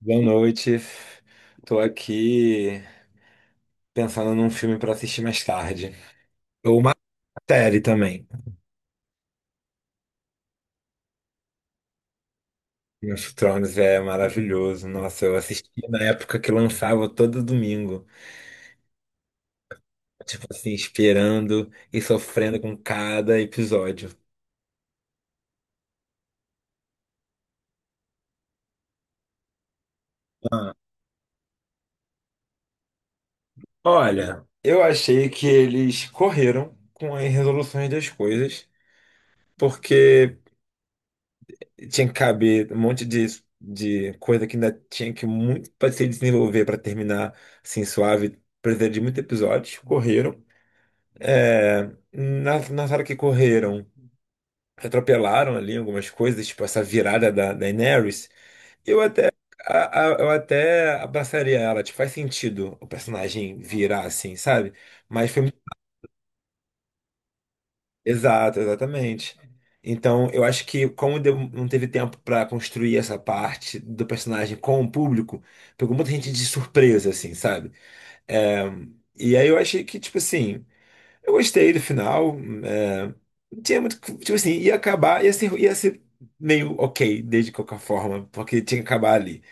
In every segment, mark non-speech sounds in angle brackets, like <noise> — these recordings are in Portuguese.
Boa noite. Tô aqui pensando num filme pra assistir mais tarde. Ou uma série também. Game of Thrones é maravilhoso. Nossa, eu assisti na época que lançava todo domingo. Tipo assim, esperando e sofrendo com cada episódio. Ah, olha, eu achei que eles correram com as resoluções das coisas, porque tinha que caber um monte de coisa que ainda tinha que muito para se desenvolver para terminar assim suave. Precisa de muitos episódios. Correram. É, na hora que correram, atropelaram ali algumas coisas, tipo essa virada da Daenerys. Eu até, eu até abraçaria ela. Tipo, faz sentido o personagem virar assim, sabe? Mas foi exato, exatamente. Então, eu acho que não teve tempo para construir essa parte do personagem com o público, pegou muita gente de surpresa, assim, sabe? É, e aí eu achei que, tipo assim, eu gostei do final. é, não tinha muito. Tipo assim, ia acabar, ia ser meio ok, desde qualquer forma, porque tinha que acabar ali.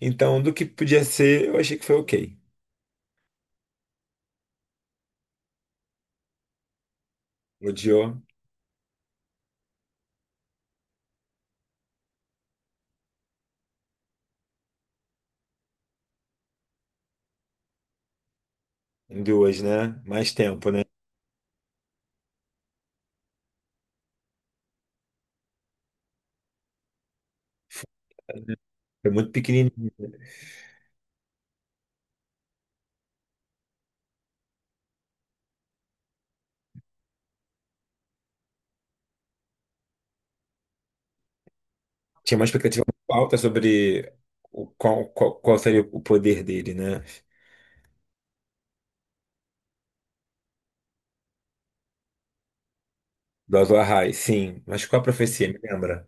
Então, do que podia ser, eu achei que foi ok. Odiou em duas, né? Mais tempo, né? Foi muito pequenininho. Tinha uma expectativa muito alta sobre qual seria o poder dele, né? Do Azor Ahai, sim. Mas qual a profecia, me lembra?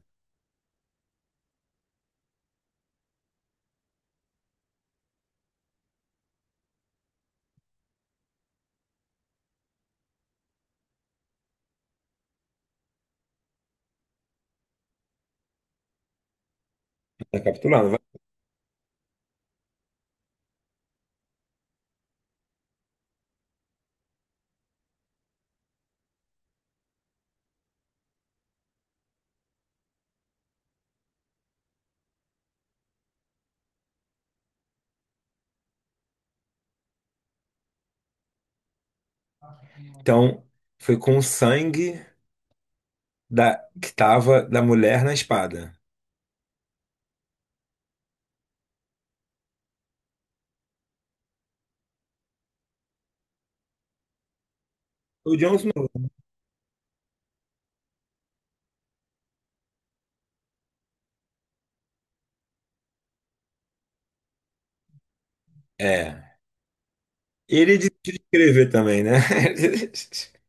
Tá capitulando. Vai. Então, foi com o sangue da, que tava da mulher na espada. O Jon Snow. É. Ele desistiu de escrever também, né? <laughs>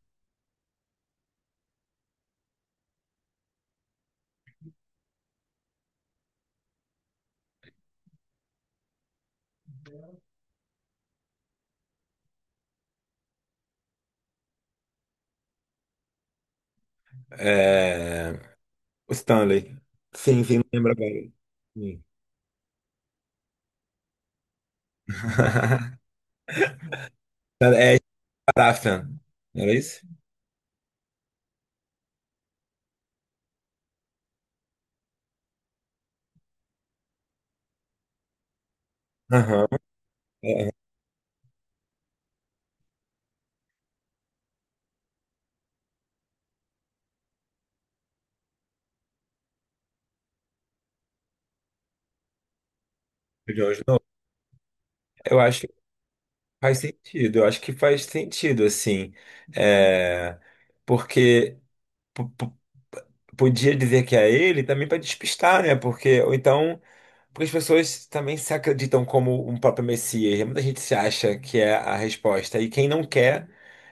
É, o Stanley. Sim, sim, lembra lembro agora. Sim. <laughs> É Starafan. Não era isso? Aham. é, é, o Jon Snow. Eu acho Faz sentido, eu acho que faz sentido, assim. É, porque p- p- podia dizer que é ele também para despistar, né? Porque, ou então, porque as pessoas também se acreditam como um próprio Messias, né? Muita gente se acha que é a resposta. E quem não quer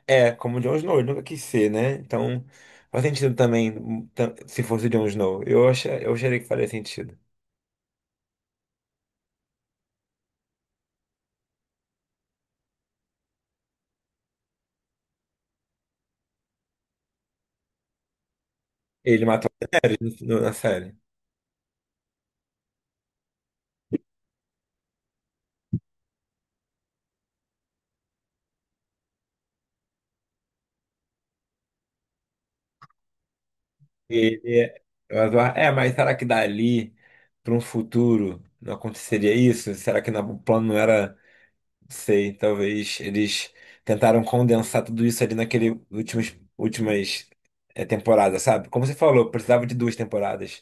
é, como o Jon Snow, ele nunca quis ser, né? Então, faz sentido também, se fosse o Jon Snow. Eu acharia que faria sentido. Ele matou na série. Ele é, mas eu- é, Mas será que dali para um futuro não aconteceria isso? Será que o plano não era, não sei, talvez eles tentaram condensar tudo isso ali naquele temporadas, sabe? Como você falou, precisava de duas temporadas.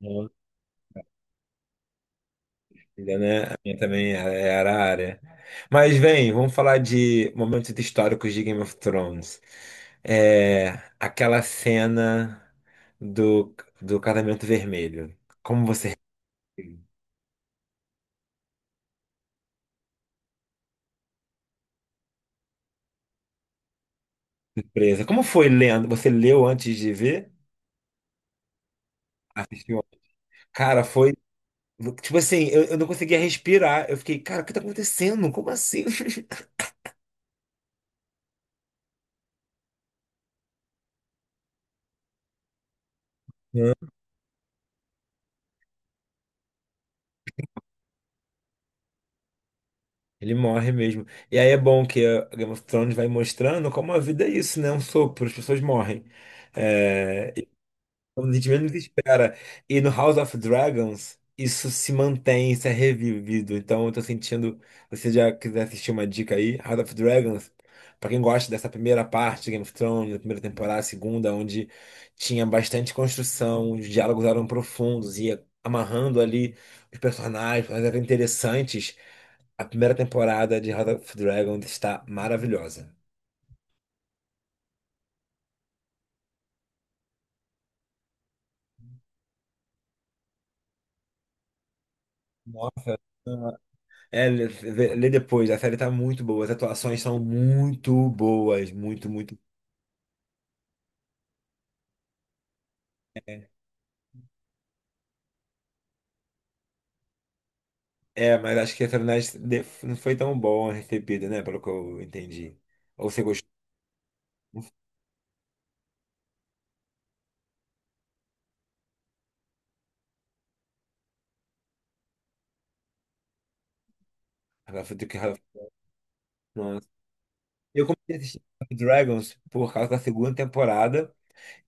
Não, ainda, né? A minha também era a área. Mas vem, vamos falar de momentos históricos de Game of Thrones. É, aquela cena do, do casamento vermelho. Como você surpresa. Como foi lendo? Você leu antes de ver? Assistiu? Cara, foi. Tipo assim, eu não conseguia respirar. Eu fiquei, cara, o que tá acontecendo? Como assim? <laughs> Não, ele morre mesmo. E aí é bom que a Game of Thrones vai mostrando como a vida é isso, né? É um sopro, as pessoas morrem. É, quando a gente menos espera. E no House of Dragons, isso se mantém, isso é revivido. Então eu tô sentindo. Se você já quiser assistir uma dica aí, House of Dragons, pra quem gosta dessa primeira parte, Game of Thrones, da primeira temporada, a segunda, onde tinha bastante construção, os diálogos eram profundos, ia amarrando ali os personagens, mas eram interessantes. A primeira temporada de House of Dragons está maravilhosa. Nossa. É, lê depois, a série tá muito boa, as atuações são muito boas, muito, muito. É, mas acho que a série não foi tão boa recebida, né? Pelo que eu entendi. Ou você gostou do que ela- Nossa. Eu comecei a assistir Dragons por causa da segunda temporada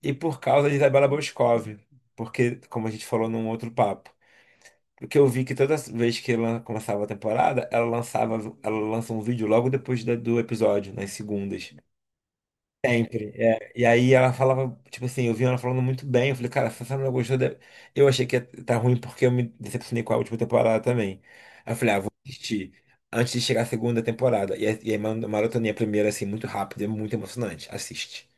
e por causa de Isabela Boscov, porque, como a gente falou num outro papo, porque eu vi que toda vez que ela começava a temporada, ela lança um vídeo logo depois do episódio, nas segundas. Sempre, é. E aí ela falava, tipo assim, eu vi ela falando muito bem. Eu falei, cara, se você não gostou, eu achei que ia tá ruim porque eu me decepcionei com a última temporada também. Aí eu falei, ah, vou assistir antes de chegar a segunda temporada. E aí maratonei a primeira, assim, muito rápido, é muito emocionante. Assiste.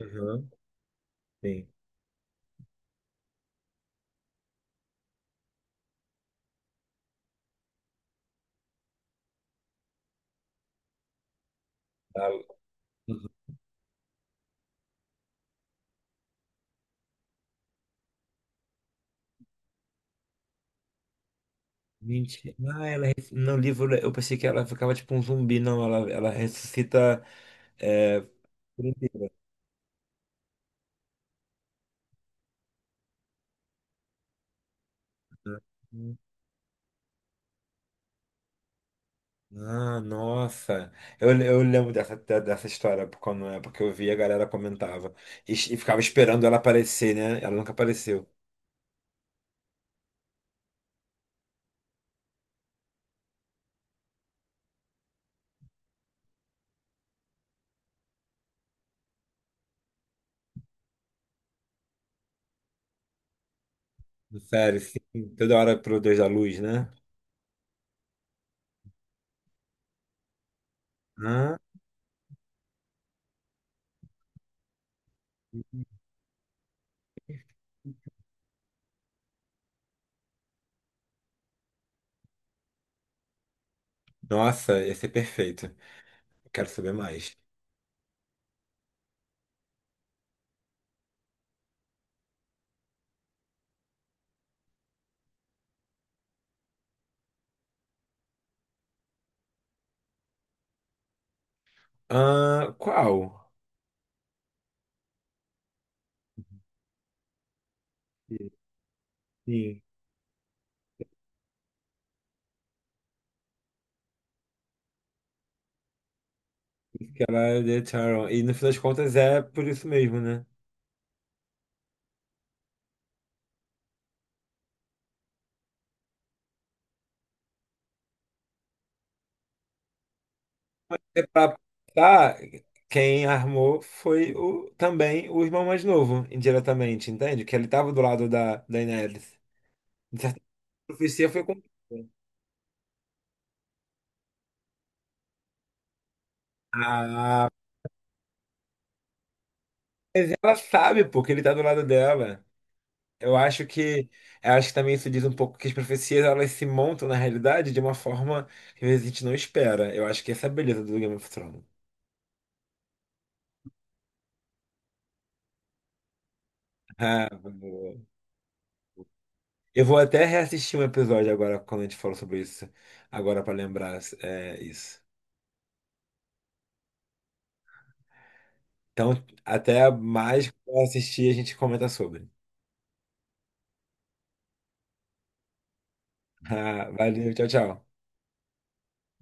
Uhum. Sim. Ela- mentira. Ah, ela. No livro eu pensei que ela ficava tipo um zumbi. Não, ela ressuscita. É... por inteiro, né? Ah, nossa. Eu lembro dessa, dessa história, por quando é porque eu vi a galera comentava. E ficava esperando ela aparecer, né? Ela nunca apareceu. Sério, sim. Toda hora pro Deus da Luz, né? Ah, nossa, esse é perfeito. Eu quero saber mais. Ah, qual? Sim, que ela é The Charon. E no fim das contas é por isso mesmo, né? É pra tá, Quem armou foi o, também o irmão mais novo, indiretamente, entende? Que ele estava do lado da Daenerys. De certa forma, a profecia foi cumprida. Ah, mas ela sabe, porque ele tá do lado dela. Eu acho que, eu acho que também isso diz um pouco que as profecias elas se montam na realidade de uma forma que às vezes a gente não espera. Eu acho que essa é a beleza do Game of Thrones. Ah, boa. Eu vou até reassistir um episódio agora quando a gente falou sobre isso, agora pra lembrar é, isso. Então, até mais quando assistir, a gente comenta sobre. <laughs> Valeu, tchau, tchau.